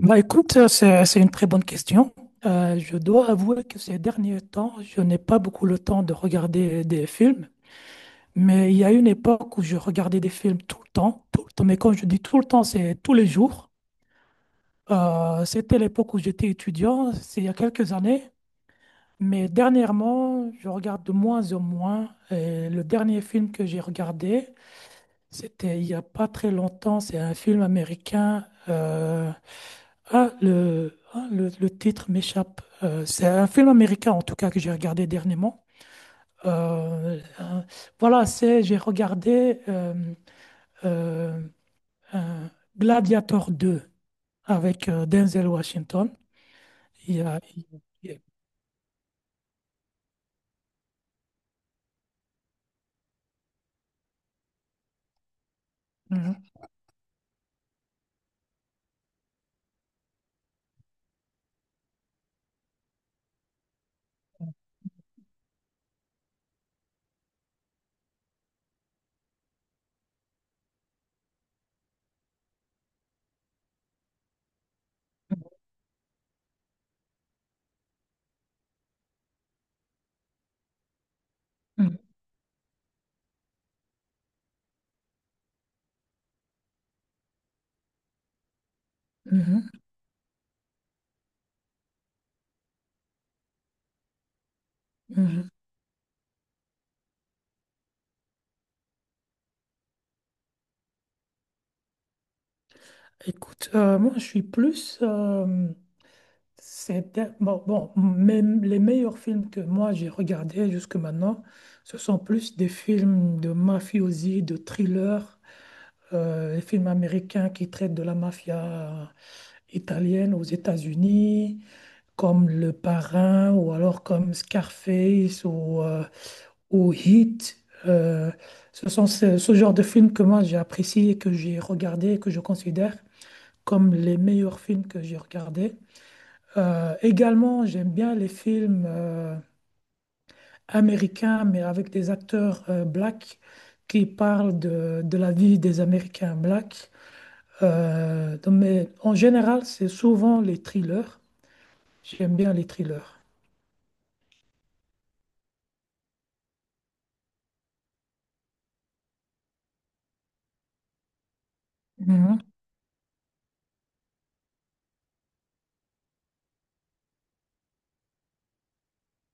Bah écoute, c'est une très bonne question. Je dois avouer que ces derniers temps, je n'ai pas beaucoup le temps de regarder des films, mais il y a une époque où je regardais des films tout le temps, mais quand je dis tout le temps, c'est tous les jours. C'était l'époque où j'étais étudiant, c'est il y a quelques années, mais dernièrement, je regarde de moins en moins. Et le dernier film que j'ai regardé, c'était il n'y a pas très longtemps, c'est un film américain. Le titre m'échappe. C'est un film américain, en tout cas, que j'ai regardé dernièrement. Euh, euh, voilà, j'ai regardé euh, euh, Gladiator 2 avec Denzel Washington. Il y a- il y a- Mhm. Mhm. Mhm. Mhm. Écoute, moi, je suis plus. C'était bon, bon, même les meilleurs films que moi j'ai regardés jusque maintenant, ce sont plus des films de mafiosi, de thriller, les films américains qui traitent de la mafia italienne aux États-Unis, comme Le Parrain ou alors comme Scarface ou Heat. Euh, Ce sont ce genre de films que moi j'ai apprécié et que j'ai regardé et que je considère comme les meilleurs films que j'ai regardés. Également, j'aime bien les films américains, mais avec des acteurs blacks qui parlent de la vie des Américains blacks. Donc, mais en général, c'est souvent les thrillers. J'aime bien les thrillers. Mhm,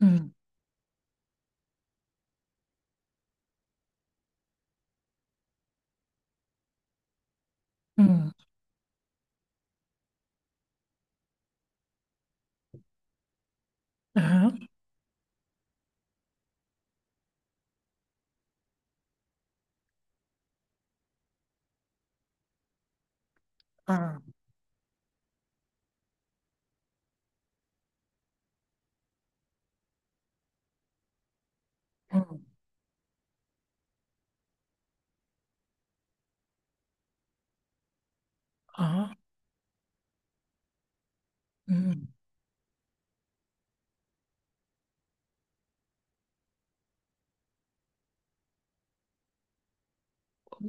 mhm, mhm. Ah, ah, mhm, ah, mhm.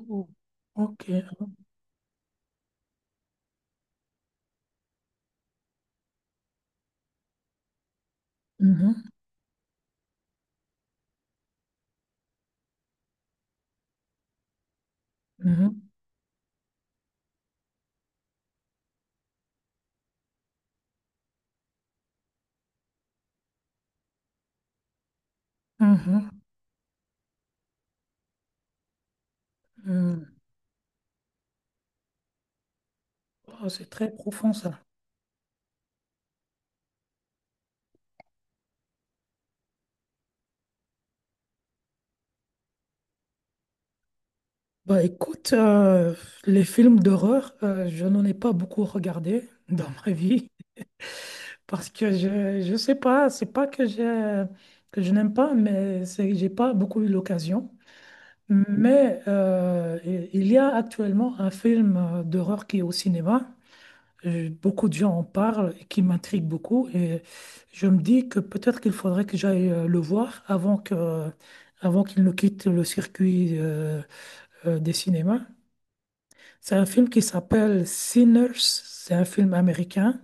Oh, ok. Mhm, mhm, mhm, mhm. Oh, c'est très profond ça. Bah écoute, les films d'horreur, je n'en ai pas beaucoup regardé dans ma vie parce que je sais pas, c'est pas que je que je n'aime pas, mais c'est que j'ai pas beaucoup eu l'occasion. Mais il y a actuellement un film d'horreur qui est au cinéma. Beaucoup de gens en parlent et qui m'intrigue beaucoup et je me dis que peut-être qu'il faudrait que j'aille le voir avant qu'il ne quitte le circuit des cinémas. C'est un film qui s'appelle Sinners. C'est un film américain.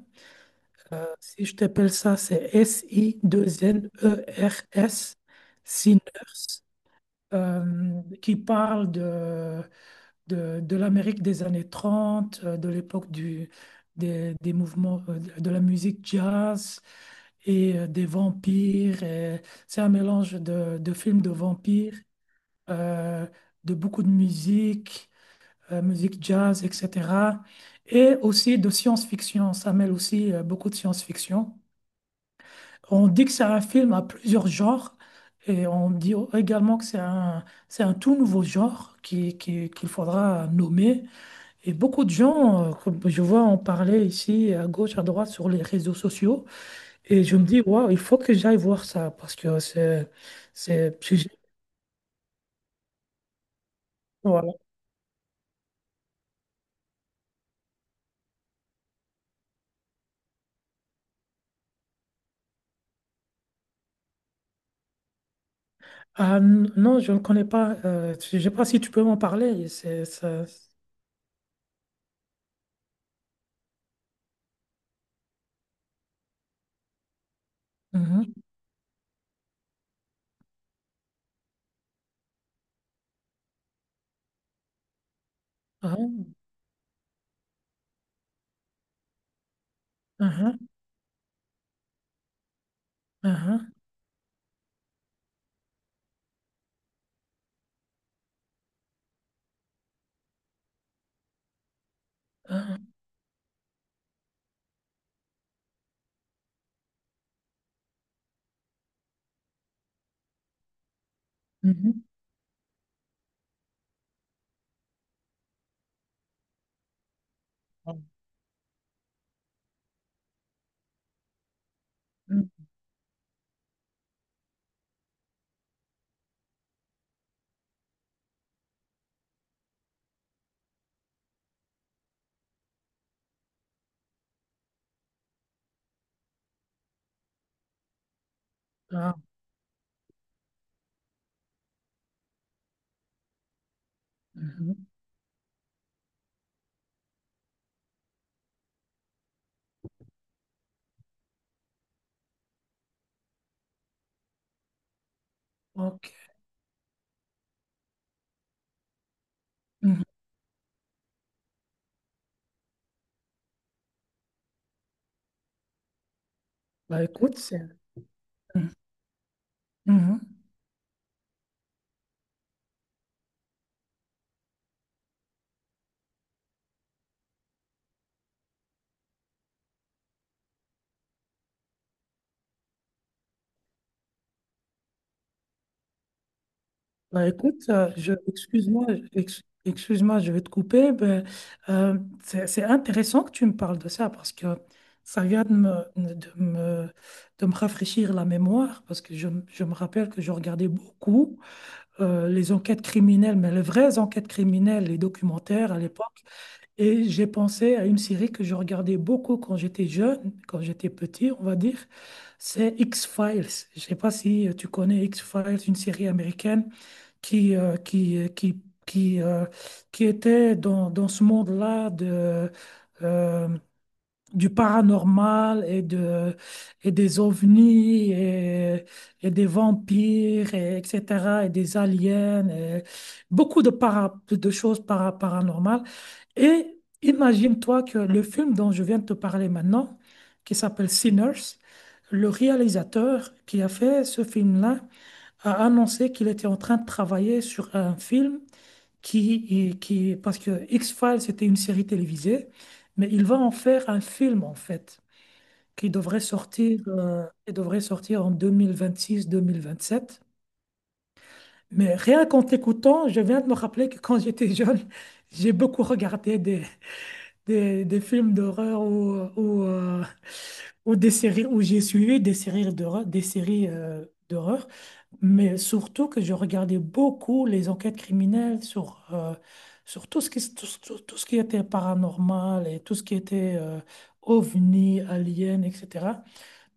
Si je t'appelle ça, c'est Sinners, Sinners, qui parle de l'Amérique des années 30, de l'époque des mouvements de la musique jazz et des vampires. Et c'est un mélange de films de vampires, euh, de beaucoup de musique musique jazz, etc. Et aussi de science-fiction. Ça mêle aussi beaucoup de science-fiction. On dit que c'est un film à plusieurs genres et on dit également que c'est un tout nouveau genre qu'il faudra nommer. Et beaucoup de gens, comme je vois en parler ici à gauche, à droite sur les réseaux sociaux. Et je me dis, waouh, il faut que j'aille voir ça parce que c'est c'est- voilà. Ah, non, je ne le connais pas. Je ne sais pas si tu peux m'en parler. Mhm. Ah, ah, ah, ah, mhm, ah, mhm, ah, mhm, ok. Mhm. Bah écoute, c'est- mhm, mhm. Bah, écoute, je excuse-moi, excuse-moi, je vais te couper. Ben, euh, c'est intéressant que tu me parles de ça parce que ça vient de me rafraîchir la mémoire parce que je me rappelle que je regardais beaucoup les enquêtes criminelles, mais les vraies enquêtes criminelles, les documentaires à l'époque. Et j'ai pensé à une série que je regardais beaucoup quand j'étais jeune, quand j'étais petit, on va dire. C'est X-Files. Je sais pas si tu connais X-Files, une série américaine qui, euh, qui, euh, qui, qui, euh, qui était dans ce monde-là euh, du paranormal et des ovnis et des vampires, et, etc., et des aliens, et beaucoup de choses paranormales. Et imagine-toi que le film dont je viens de te parler maintenant, qui s'appelle Sinners, le réalisateur qui a fait ce film-là a annoncé qu'il était en train de travailler sur un film parce que X-Files c'était une série télévisée, mais il va en faire un film en fait, qui devrait sortir en 2026-2027. Mais rien qu'en t'écoutant, je viens de me rappeler que quand j'étais jeune, j'ai beaucoup regardé des films d'horreur ou des séries où j'ai suivi des séries d'horreur, mais surtout que je regardais beaucoup les enquêtes criminelles sur tout ce qui, tout, ce tout- tout ce qui était paranormal et tout ce qui était ovni, alien, etc.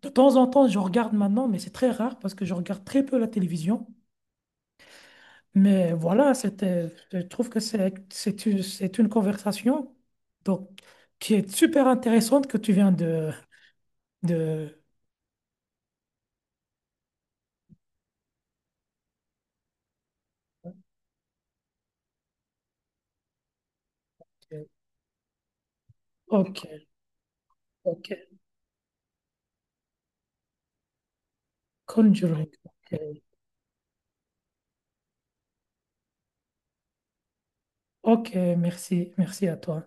De temps en temps, je regarde maintenant, mais c'est très rare parce que je regarde très peu la télévision. Mais voilà, je trouve que c'est une conversation donc, qui est super intéressante que tu viens de... Ok, ok. Conjuring. Ok, ok, merci, merci à toi.